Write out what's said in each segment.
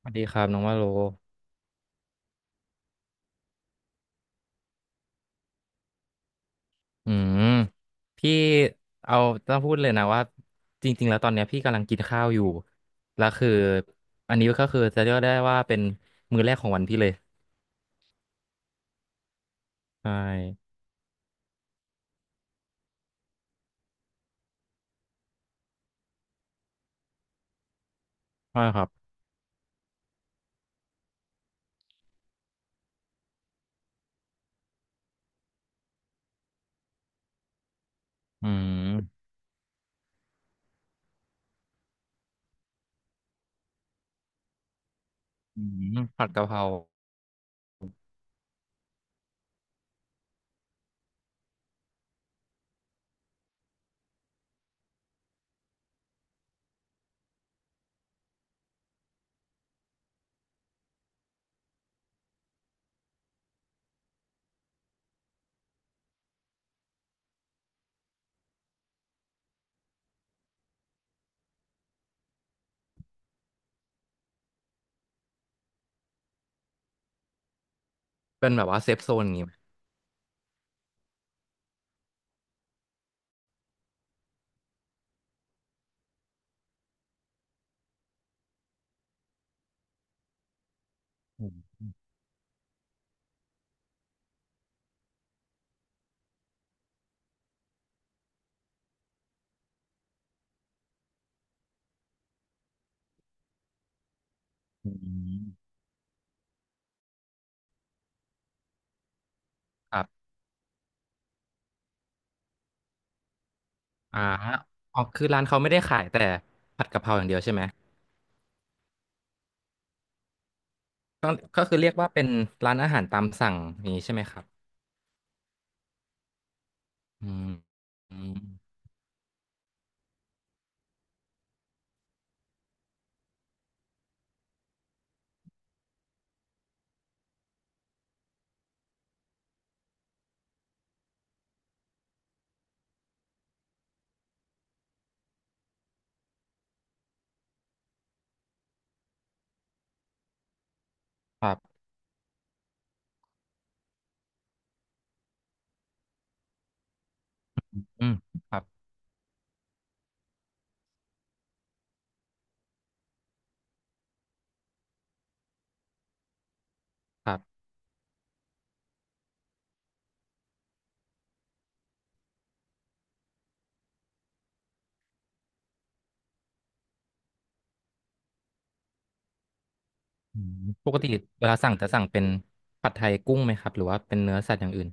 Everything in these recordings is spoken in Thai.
สวัสดีครับน้องว่าโลอืมพี่เอาต้องพูดเลยนะว่าจริงๆแล้วตอนเนี้ยพี่กำลังกินข้าวอยู่แล้วคืออันนี้ก็คือจะเรียกได้ว่าเป็นมื้อแรกของวันพี่เลยใช่ใช่ครับอืมอืมผัดกะเพราเป็นแบบว่าเซฟโซนอย่างงี้ไหมอืมอืมครับอ่าอ๋อคือร้านเขาไม่ได้ขายแต่ผัดกะเพราอย่างเดียวใช่ไหมก็ก็คือเรียกว่าเป็นร้านอาหารตามสั่งอย่างนี้ใช่ไหมครับอืมอืมครับอืมครับครับ อืมปกติเวลาสั่งจะสั่งเป็นผัดไทยกุ้งไหมครับหรือว่าเป็นเนื้อสัตว์อย่างอื่น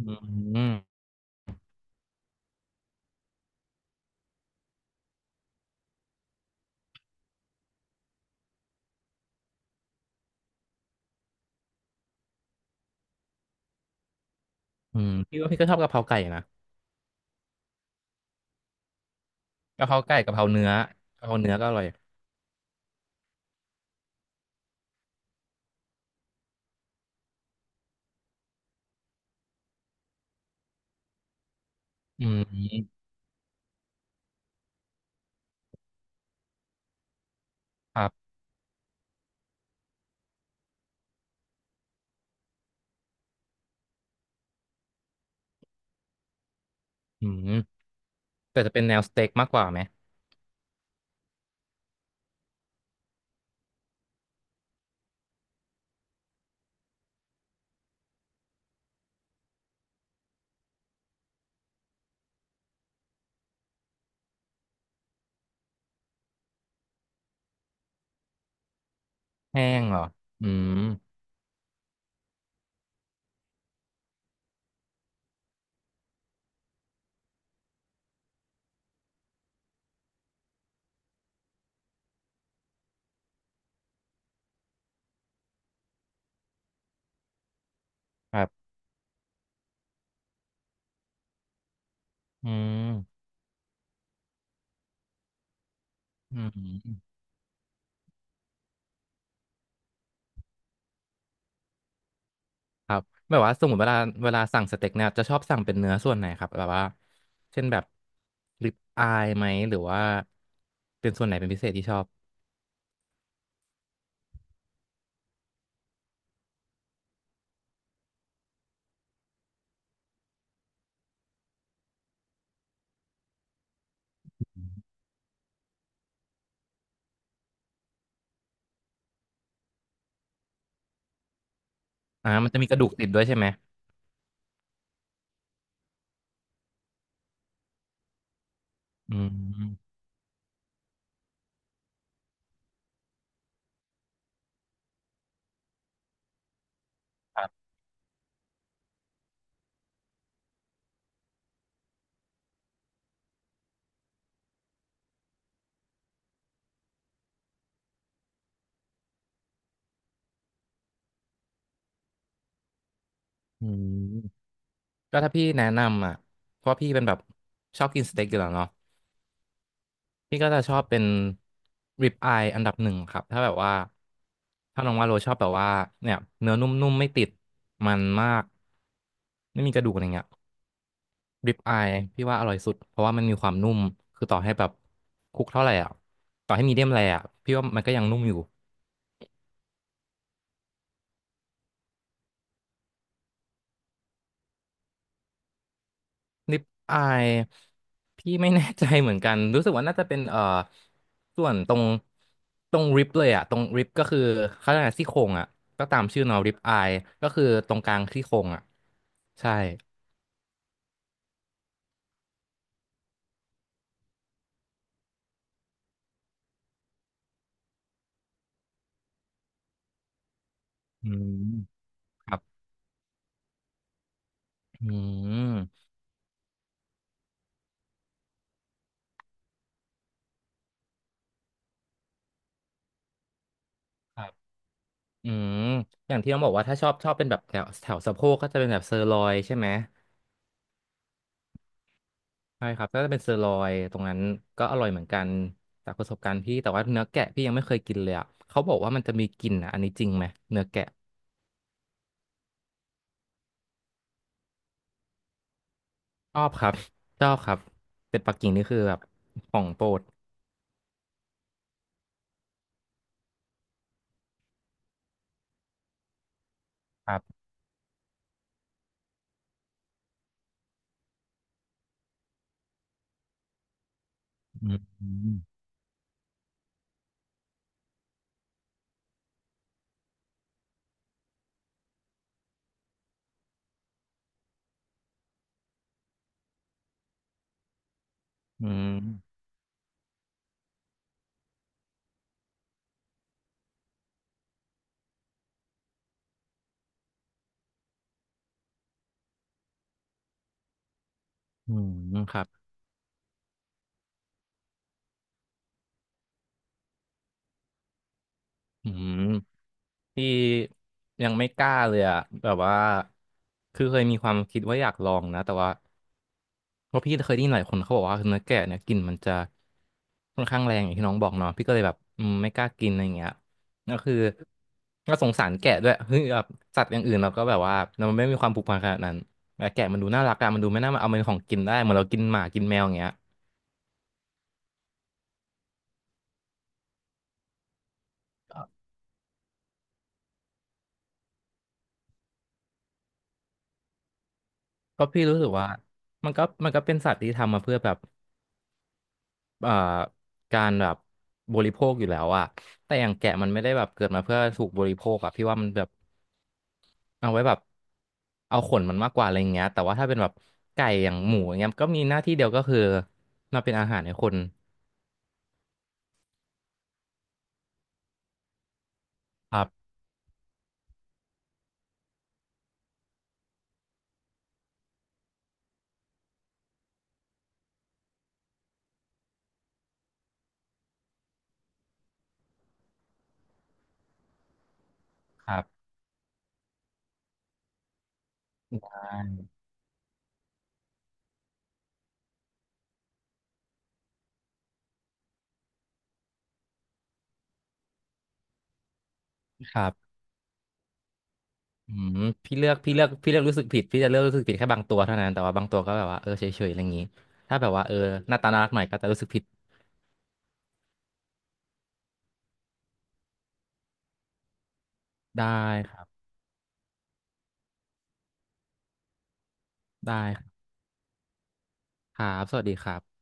อืมอืมพี่ว่าพี่ก็ชอบกะเพราไก่นะกะเพราไก่กะเพราเนื้อกะเพราเนื้อก็อร่อยอืมครับอืมแต่จะเป็นแนวสเต็กมากกว่าไหมแห้งเหรออืมครับอืมอืมครับแบบว่าสมมติเวลาสั่งสเต็กเนี่ยจะชอบสั่งเป็นเนื้อส่วนไหนครับแบบว่าเช่นแบบริบอายไหมหรือว่าเป็นส่วนไหนเป็นพิเศษที่ชอบอ่ามันจะมีกระดูกติดด้วยใช่ไหม อืมครับอืมก็ถ้าพี่แนะนำอ่ะเพราะว่าพี่เป็นแบบชอบกินสเต็กอยู่แล้วเนาะพี่ก็จะชอบเป็นริบอายอันดับหนึ่งครับถ้าแบบว่าถ้าน้องว่าโรชอบแบบว่าเนี่ยเนื้อนุ่มๆไม่ติดมันมากไม่มีกระดูกอะไรเงี้ยริบอายพี่ว่าอร่อยสุดเพราะว่ามันมีความนุ่มคือต่อให้แบบคลุกเท่าไหร่อ่ะต่อให้มีเดียมแรร์อ่ะพี่ว่ามันก็ยังนุ่มอยู่ นิปอายพี่ไม่แน่ใจเหมือนกันรู้สึกว่าน่าจะเป็นส่วนตรงริบเลยอะตรงริบก็คือเขาเรียกอะไรซี่โครงอะก็ตามชื่อเนาะริบอายก็คือตรงกลางซี่โครงอะใช่อืมครับอืมครับอืมอย่างที่ต้องบอกว่าถ้าชอบชอบเป็นแบบแถวแถวสะโพกก็จะเป็นแบบเซอร์ลอยใช่ไหมใช่ครับก็จะเป็นเซอร์ลอยตรงนั้นก็อร่อยเหมือนกันจากประสบการณ์พี่แต่ว่าเนื้อแกะพี่ยังไม่เคยกินเลยอ่ะเขาบอกว่ามันจะมีกลิ่นอ่ะอันนี้จริงไหมเนื้อแกะ ชอบครับชอบครับเป็ดปักกิ่งนี่คือแบบของโปรดครับอืมอืมอืมครับอืม ที่ยังไม่กล้าเลยอะแบบว่าคือเคยมีความคิดว่าอยากลองนะแต่ว่าเพราะพี่เคยได้ยินหลายคนเขาบอกว่าเนื้อแกะเนี่ยกลิ่นมันจะค่อนข้างแรงอย่างที่น้องบอกเนาะพี่ก็เลยแบบอืมไม่กล้ากินอะไรเงี้ยก็คือก็สงสารแกะด้วยคือแบบสัตว์อย่างอื่นเราก็แบบว่าเราไม่มีความผูกพันขนาดนั้นแต่แกะมันดูน่ารักอะมันดูไม่น่ามาเอาเป็นของกินได้เหมือนเรากินหมากินแมวอย่างเงี้ยก็พี่รู้สึกว่ามันก็มันก็เป็นสัตว์ที่ทำมาเพื่อแบบ เอ่อการแบบบริโภคอยู่แล้วอะแต่อย่างแกะมันไม่ได้แบบเกิดมาเพื่อถูกบริโภคอะพี่ว่ามันแบบเอาไว้แบบเอาขนมันมากกว่าอะไรอย่างเงี้ยแต่ว่าถ้าเป็นแบบไก่อย่างหมูอย่างเงี้ยก็มีหน้าที่เดียวก็คือมาเป็นอาหารให้คนครับครับใช่ครับอืมพี่เลือกพี่เลือกพี่เลือกรู้สึกผิดพี่จะเลือกรู้สึกผิดแค่บางตัวเท่านั้นแต่ว่าบางตัวก็แบบว่าเออเฉยๆอะไรอย่างงี้ถ้าแบบว่าเออหน้าตาน่ารักหน่อยก็จะรู้สึกผิดได้ครับได้ครับครับสวัสดีครับ